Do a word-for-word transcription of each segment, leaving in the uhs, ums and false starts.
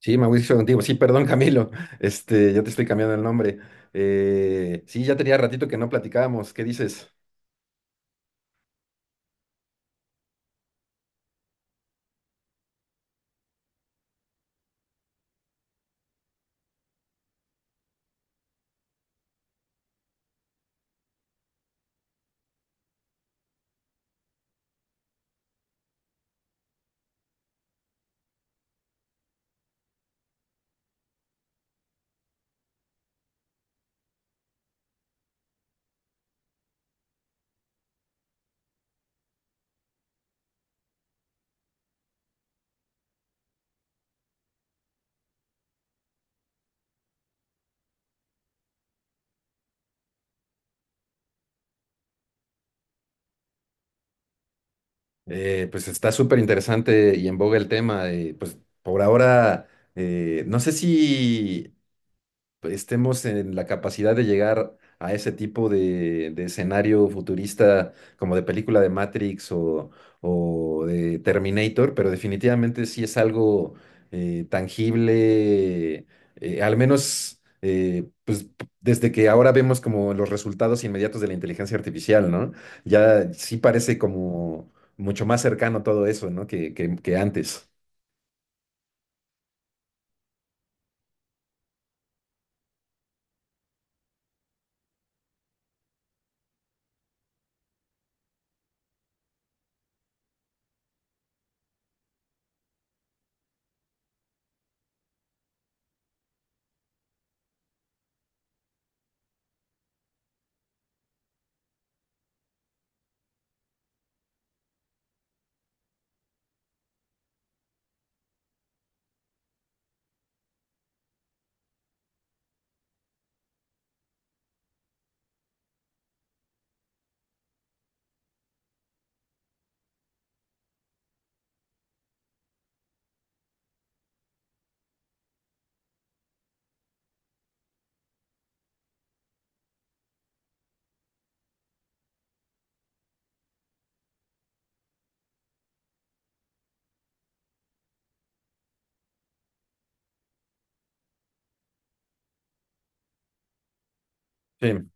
Sí, Mauricio contigo. Sí, perdón, Camilo. Este, ya te estoy cambiando el nombre. Eh, sí, ya tenía ratito que no platicábamos. ¿Qué dices? Eh, pues está súper interesante y en boga el tema. eh, Pues por ahora, eh, no sé si estemos en la capacidad de llegar a ese tipo de, de escenario futurista como de película de Matrix o, o de Terminator, pero definitivamente sí es algo eh, tangible, eh, al menos eh, pues, p- desde que ahora vemos como los resultados inmediatos de la inteligencia artificial, ¿no? Ya sí parece como mucho más cercano todo eso, ¿no? Que, que, que antes. Sí.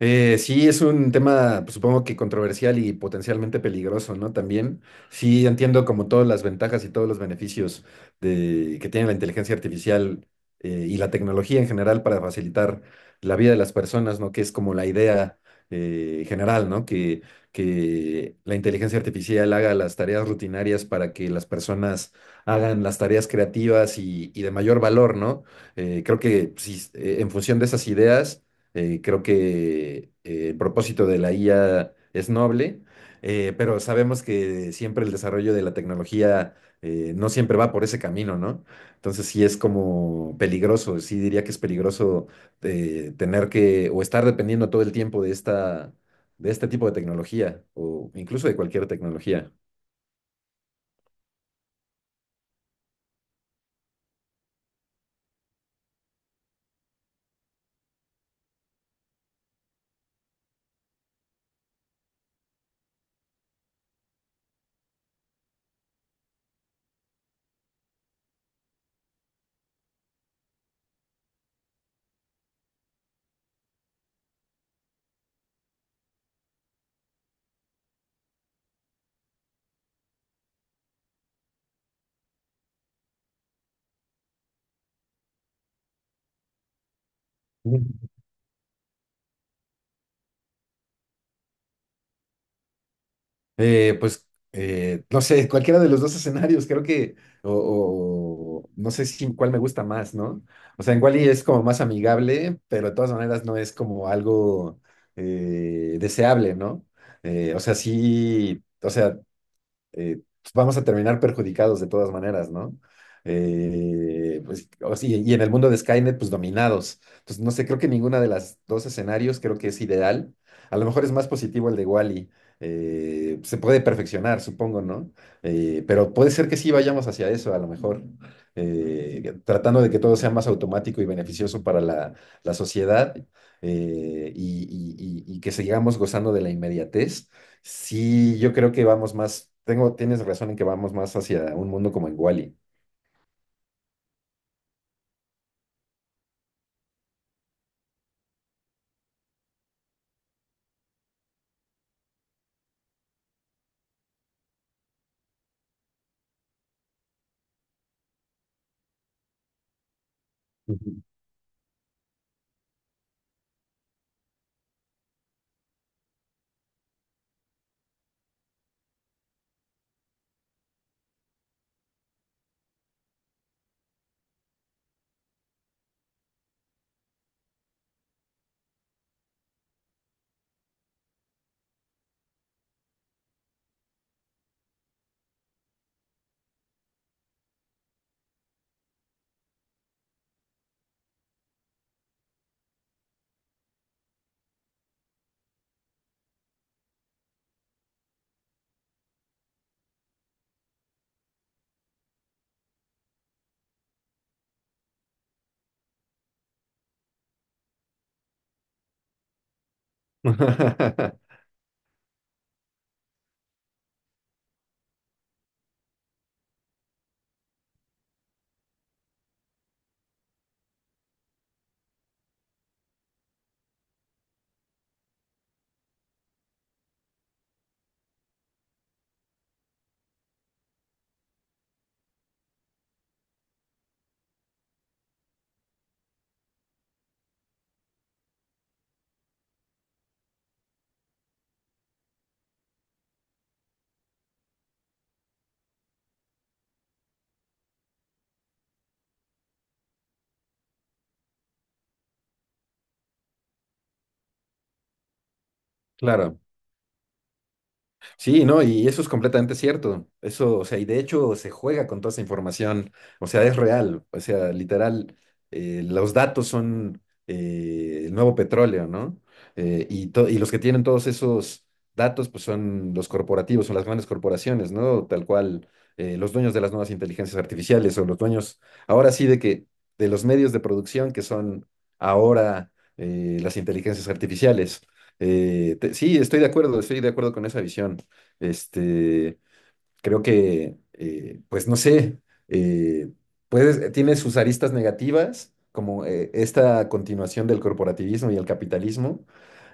Eh, sí, es un tema, pues, supongo que controversial y potencialmente peligroso, ¿no? También, sí, entiendo como todas las ventajas y todos los beneficios de, que tiene la inteligencia artificial eh, y la tecnología en general para facilitar la vida de las personas, ¿no? Que es como la idea eh, general, ¿no? Que, que la inteligencia artificial haga las tareas rutinarias para que las personas hagan las tareas creativas y, y de mayor valor, ¿no? Eh, creo que sí, eh, en función de esas ideas eh, creo que eh, el propósito de la I A es noble, eh, pero sabemos que siempre el desarrollo de la tecnología eh, no siempre va por ese camino, ¿no? Entonces sí es como peligroso, sí diría que es peligroso eh, tener que o estar dependiendo todo el tiempo de esta, de este tipo de tecnología o incluso de cualquier tecnología. Eh, pues, eh, no sé, cualquiera de los dos escenarios, creo que, o, o- no sé si cuál me gusta más, ¿no? O sea, en Wall-E es como más amigable, pero de todas maneras no es como algo eh, deseable, ¿no? Eh, o sea, sí, o sea, eh, vamos a terminar perjudicados de todas maneras, ¿no? Eh, pues, o sí, y en el mundo de Skynet, pues dominados. Entonces, no sé, creo que ninguna de las dos escenarios creo que es ideal. A lo mejor es más positivo el de Wally. Se puede perfeccionar, supongo, ¿no? Eh, pero puede ser que sí vayamos hacia eso, a lo mejor, eh, tratando de que todo sea más automático y beneficioso para la, la sociedad eh, y, y- y- y que sigamos gozando de la inmediatez. Sí, yo creo que vamos más, tengo, tienes razón en que vamos más hacia un mundo como en Wall-E. Ujú. Claro. Sí, no, y eso es completamente cierto. Eso, o sea, y de hecho se juega con toda esa información, o sea, es real, o sea, literal, eh, los datos son eh, el nuevo petróleo, ¿no? Eh, y, to- y los que tienen todos esos datos, pues son los corporativos, son las grandes corporaciones, ¿no? Tal cual, eh, los dueños de las nuevas inteligencias artificiales o los dueños, ahora sí, de que, de los medios de producción que son ahora eh, las inteligencias artificiales. Eh, te- sí, estoy de acuerdo, estoy de acuerdo con esa visión. Este, Creo que, eh, pues no sé, eh, puedes- tiene sus aristas negativas, como eh, esta continuación del corporativismo y el capitalismo,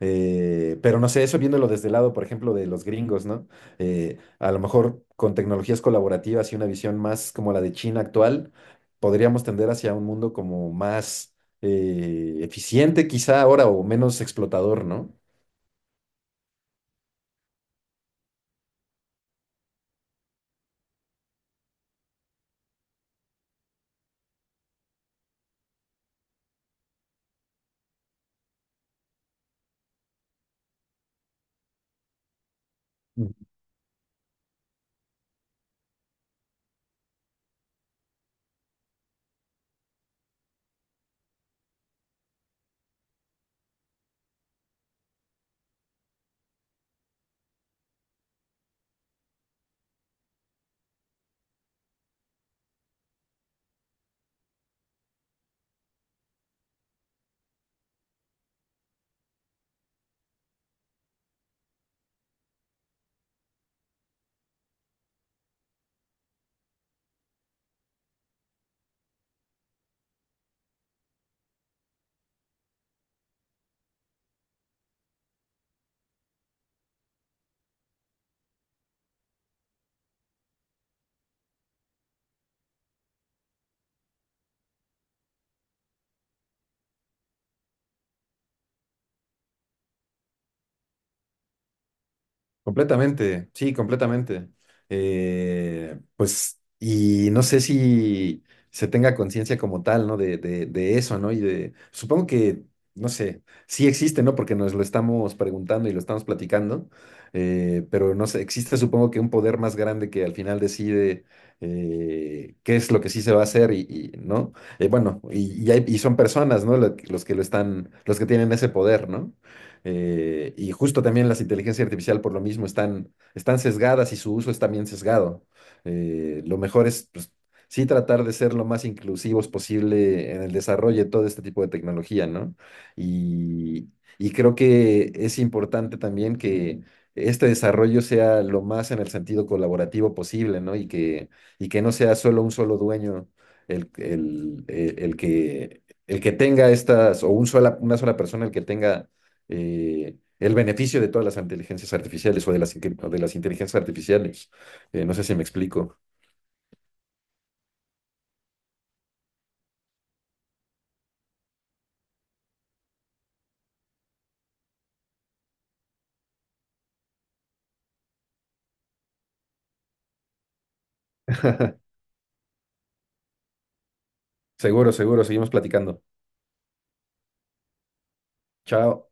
eh, pero no sé, eso viéndolo desde el lado, por ejemplo, de los gringos, ¿no? Eh, a lo mejor con tecnologías colaborativas y una visión más como la de China actual, podríamos tender hacia un mundo como más eh, eficiente quizá ahora o menos explotador, ¿no? Completamente, sí, completamente. Eh, pues, y no sé si se tenga conciencia como tal, ¿no? De, de, de eso, ¿no? Y de, supongo que, no sé, sí existe, ¿no? Porque nos lo estamos preguntando y lo estamos platicando, eh, pero no sé, existe supongo que un poder más grande que al final decide eh, qué es lo que sí se va a hacer y, y, ¿no? Eh, bueno, y, y, hay- y son personas, ¿no? Lo- Los que lo están, los que tienen ese poder, ¿no? Eh, y justo también las inteligencias artificiales por lo mismo están, están sesgadas y su uso es también sesgado. Eh, lo mejor es, pues, sí tratar de ser lo más inclusivos posible en el desarrollo de todo este tipo de tecnología, ¿no? Y, y creo que es importante también que este desarrollo sea lo más en el sentido colaborativo posible, ¿no? Y que, y que no sea solo un solo dueño el, el, el- el que, el que tenga estas, o un sola, una sola persona el que tenga eh, el beneficio de todas las inteligencias artificiales o de las, o de las inteligencias artificiales. Eh, no sé si me explico. Seguro, seguro, seguimos platicando. Chao.